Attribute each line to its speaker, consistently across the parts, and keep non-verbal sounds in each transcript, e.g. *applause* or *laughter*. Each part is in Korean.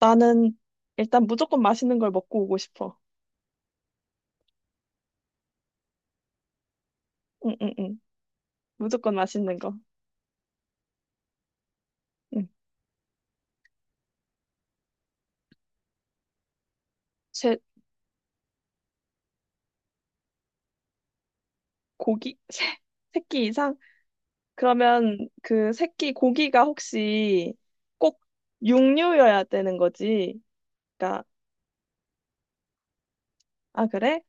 Speaker 1: 나는 일단 무조건 맛있는 걸 먹고 오고 싶어. 응, 응, 응. 무조건 맛있는 거. 응. 제 고기? *laughs* 세, 새끼 이상? 그러면 그 새끼 고기가 혹시 꼭 육류여야 되는 거지? 그러니까, 아, 그래?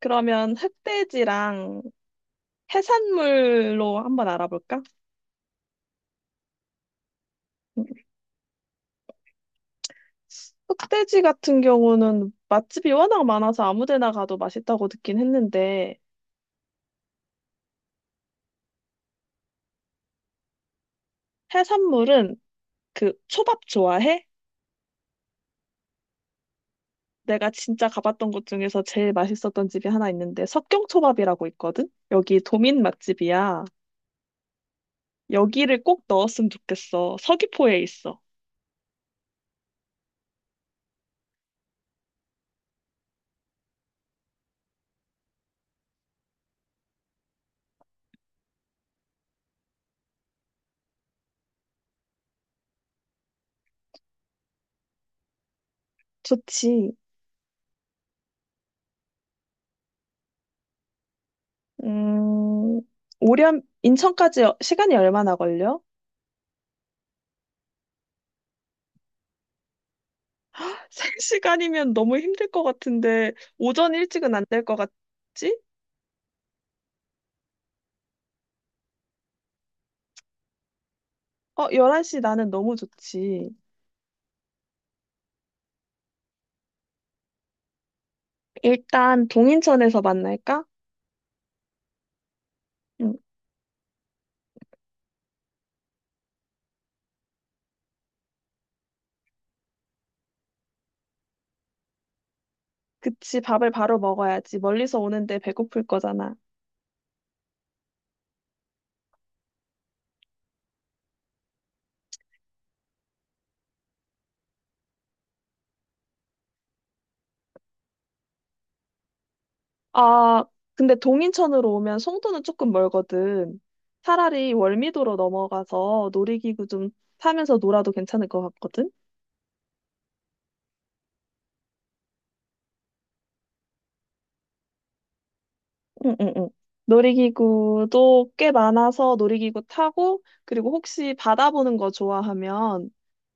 Speaker 1: 그러면 흑돼지랑 해산물로 한번 알아볼까? 응. 흑돼지 같은 경우는 맛집이 워낙 많아서 아무 데나 가도 맛있다고 듣긴 했는데, 해산물은 그 초밥 좋아해? 내가 진짜 가봤던 곳 중에서 제일 맛있었던 집이 하나 있는데 석경초밥이라고 있거든? 여기 도민 맛집이야. 여기를 꼭 넣었으면 좋겠어. 서귀포에 있어. 좋지. 음, 오렴, 인천까지 시간이 얼마나 걸려? *laughs* 세 시간이면 너무 힘들 것 같은데 오전 일찍은 안 될 것 같지? 어, 11시 나는 너무 좋지. 일단 동인천에서 만날까? 응, 그치, 밥을 바로 먹어야지. 멀리서 오는데 배고플 거잖아. 아, 근데 동인천으로 오면 송도는 조금 멀거든. 차라리 월미도로 넘어가서 놀이기구 좀 타면서 놀아도 괜찮을 것 같거든? 응, 응, 응. 놀이기구도 꽤 많아서 놀이기구 타고, 그리고 혹시 바다 보는 거 좋아하면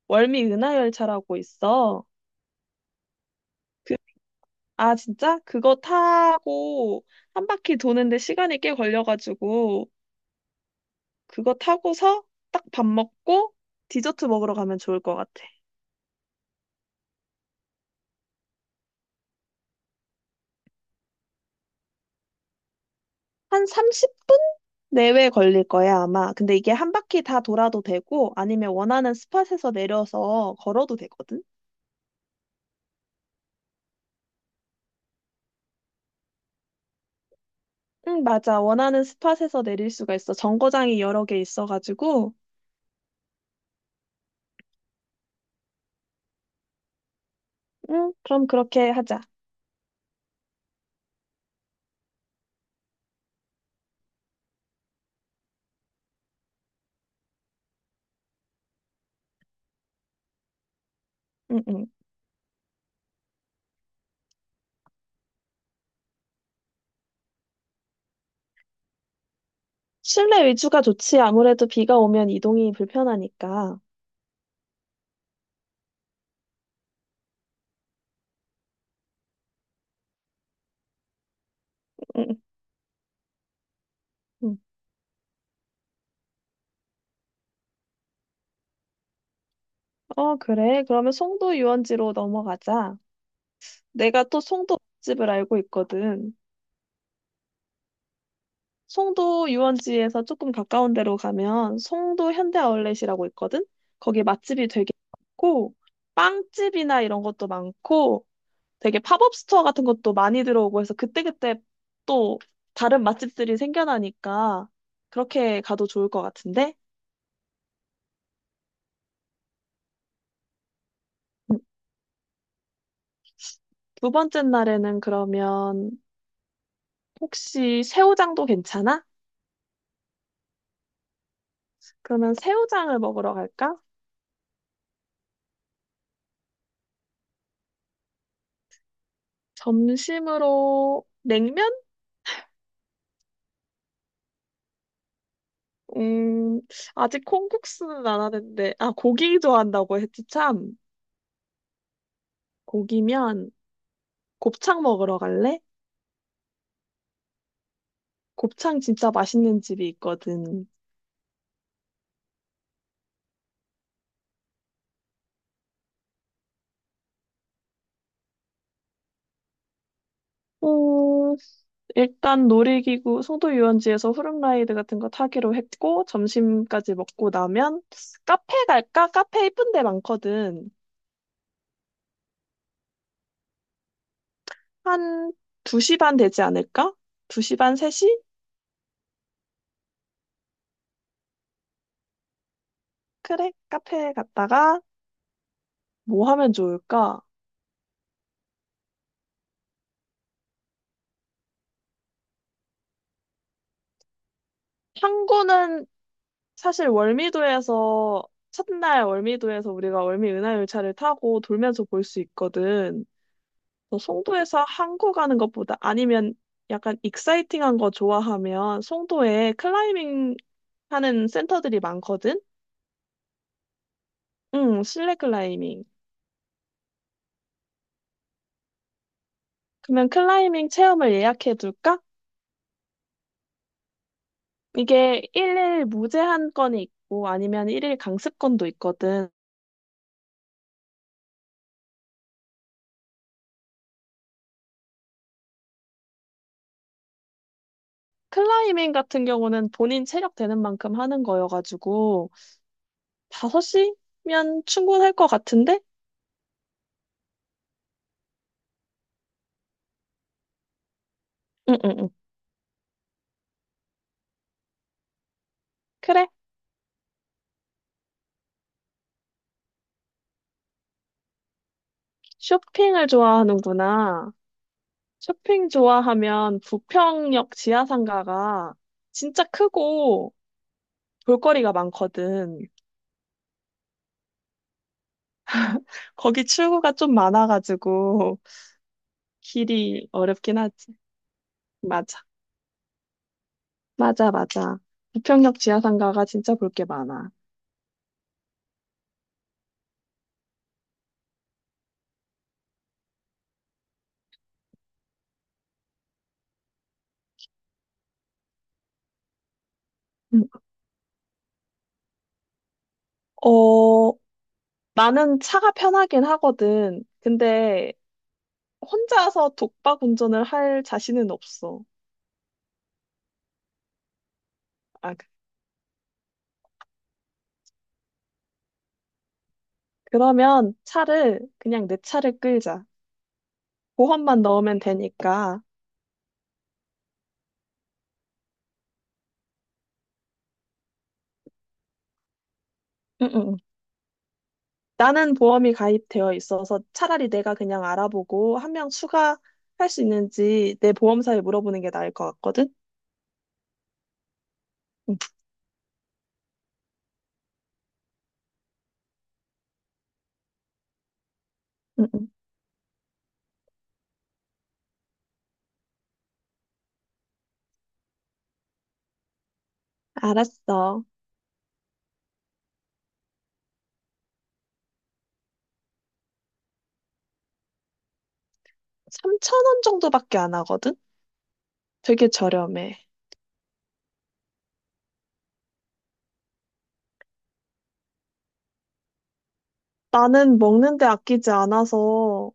Speaker 1: 월미 은하열차라고 있어. 그, 아, 진짜? 그거 타고 한 바퀴 도는데 시간이 꽤 걸려가지고, 그거 타고서 딱 밥 먹고 디저트 먹으러 가면 좋을 것 같아. 한 30분 내외 걸릴 거야, 아마. 근데 이게 한 바퀴 다 돌아도 되고, 아니면 원하는 스팟에서 내려서 걸어도 되거든? 응, 맞아. 원하는 스팟에서 내릴 수가 있어. 정거장이 여러 개 있어가지고. 응, 그럼 그렇게 하자. 응, 응. 실내 위주가 좋지. 아무래도 비가 오면 이동이 불편하니까. 응, 응. 응. 어, 그래. 그러면 송도 유원지로 넘어가자. 내가 또 송도 집을 알고 있거든. 송도 유원지에서 조금 가까운 데로 가면 송도 현대 아울렛이라고 있거든? 거기 맛집이 되게 많고, 빵집이나 이런 것도 많고, 되게 팝업 스토어 같은 것도 많이 들어오고 해서 그때그때 또 다른 맛집들이 생겨나니까 그렇게 가도 좋을 것 같은데? 음, 두 번째 날에는 그러면 혹시 새우장도 괜찮아? 그러면 새우장을 먹으러 갈까? 점심으로 냉면? 음, 아직 콩국수는 안 하는데, 아, 고기 좋아한다고 했지, 참. 고기면 곱창 먹으러 갈래? 곱창 진짜 맛있는 집이 있거든. 어, 일단 놀이기구, 송도 유원지에서 후룸라이드 같은 거 타기로 했고, 점심까지 먹고 나면 카페 갈까? 카페 이쁜 데 많거든. 한 2시 반 되지 않을까? 2시 반, 3시? 그래, 카페 갔다가 뭐 하면 좋을까? 탐구는 사실 월미도에서 첫날 월미도에서 우리가 월미 은하열차를 타고 돌면서 볼 수 있거든. 너 송도에서 항구 가는 것보다 아니면 약간 익사이팅한 거 좋아하면 송도에 클라이밍 하는 센터들이 많거든. 응, 실내 클라이밍. 그러면 클라이밍 체험을 예약해 둘까? 이게 일일 무제한 건이 있고 아니면 일일 강습권도 있거든. 클라이밍 같은 경우는 본인 체력 되는 만큼 하는 거여가지고 5시면 충분할 것 같은데? 응응응. 그래. 쇼핑을 좋아하는구나. 쇼핑 좋아하면 부평역 지하상가가 진짜 크고 볼거리가 많거든. 거기 출구가 좀 많아가지고 길이 어렵긴 하지. 맞아. 맞아, 맞아. 부평역 지하상가가 진짜 볼 게 많아. 음. 어, 나는 차가 편하긴 하거든. 근데 혼자서 독박 운전을 할 자신은 없어. 아, 그러면 차를 그냥 내 차를 끌자. 보험만 넣으면 되니까. 응, 응, 응. 나는 보험이 가입되어 있어서 차라리 내가 그냥 알아보고 한 명 추가할 수 있는지 내 보험사에 물어보는 게 나을 것 같거든? 응, 응, 응. 알았어. 3,000원 정도밖에 안 하거든? 되게 저렴해. 나는 먹는데 아끼지 않아서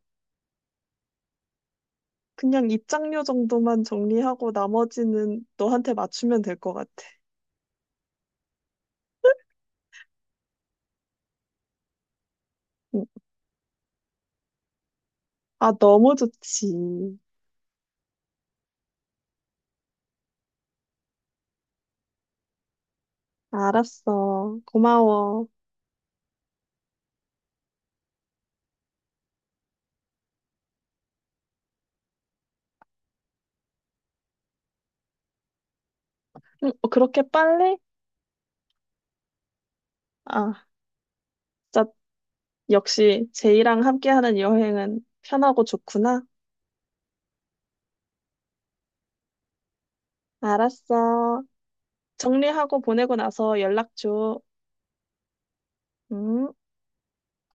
Speaker 1: 그냥 입장료 정도만 정리하고 나머지는 너한테 맞추면 될 것 같아. 응. 아, 너무 좋지. 알았어. 고마워. 어, 그렇게 빨리? 아, 진짜 역시 제이랑 함께하는 여행은 편하고 좋구나. 알았어. 정리하고 보내고 나서 연락 줘. 음.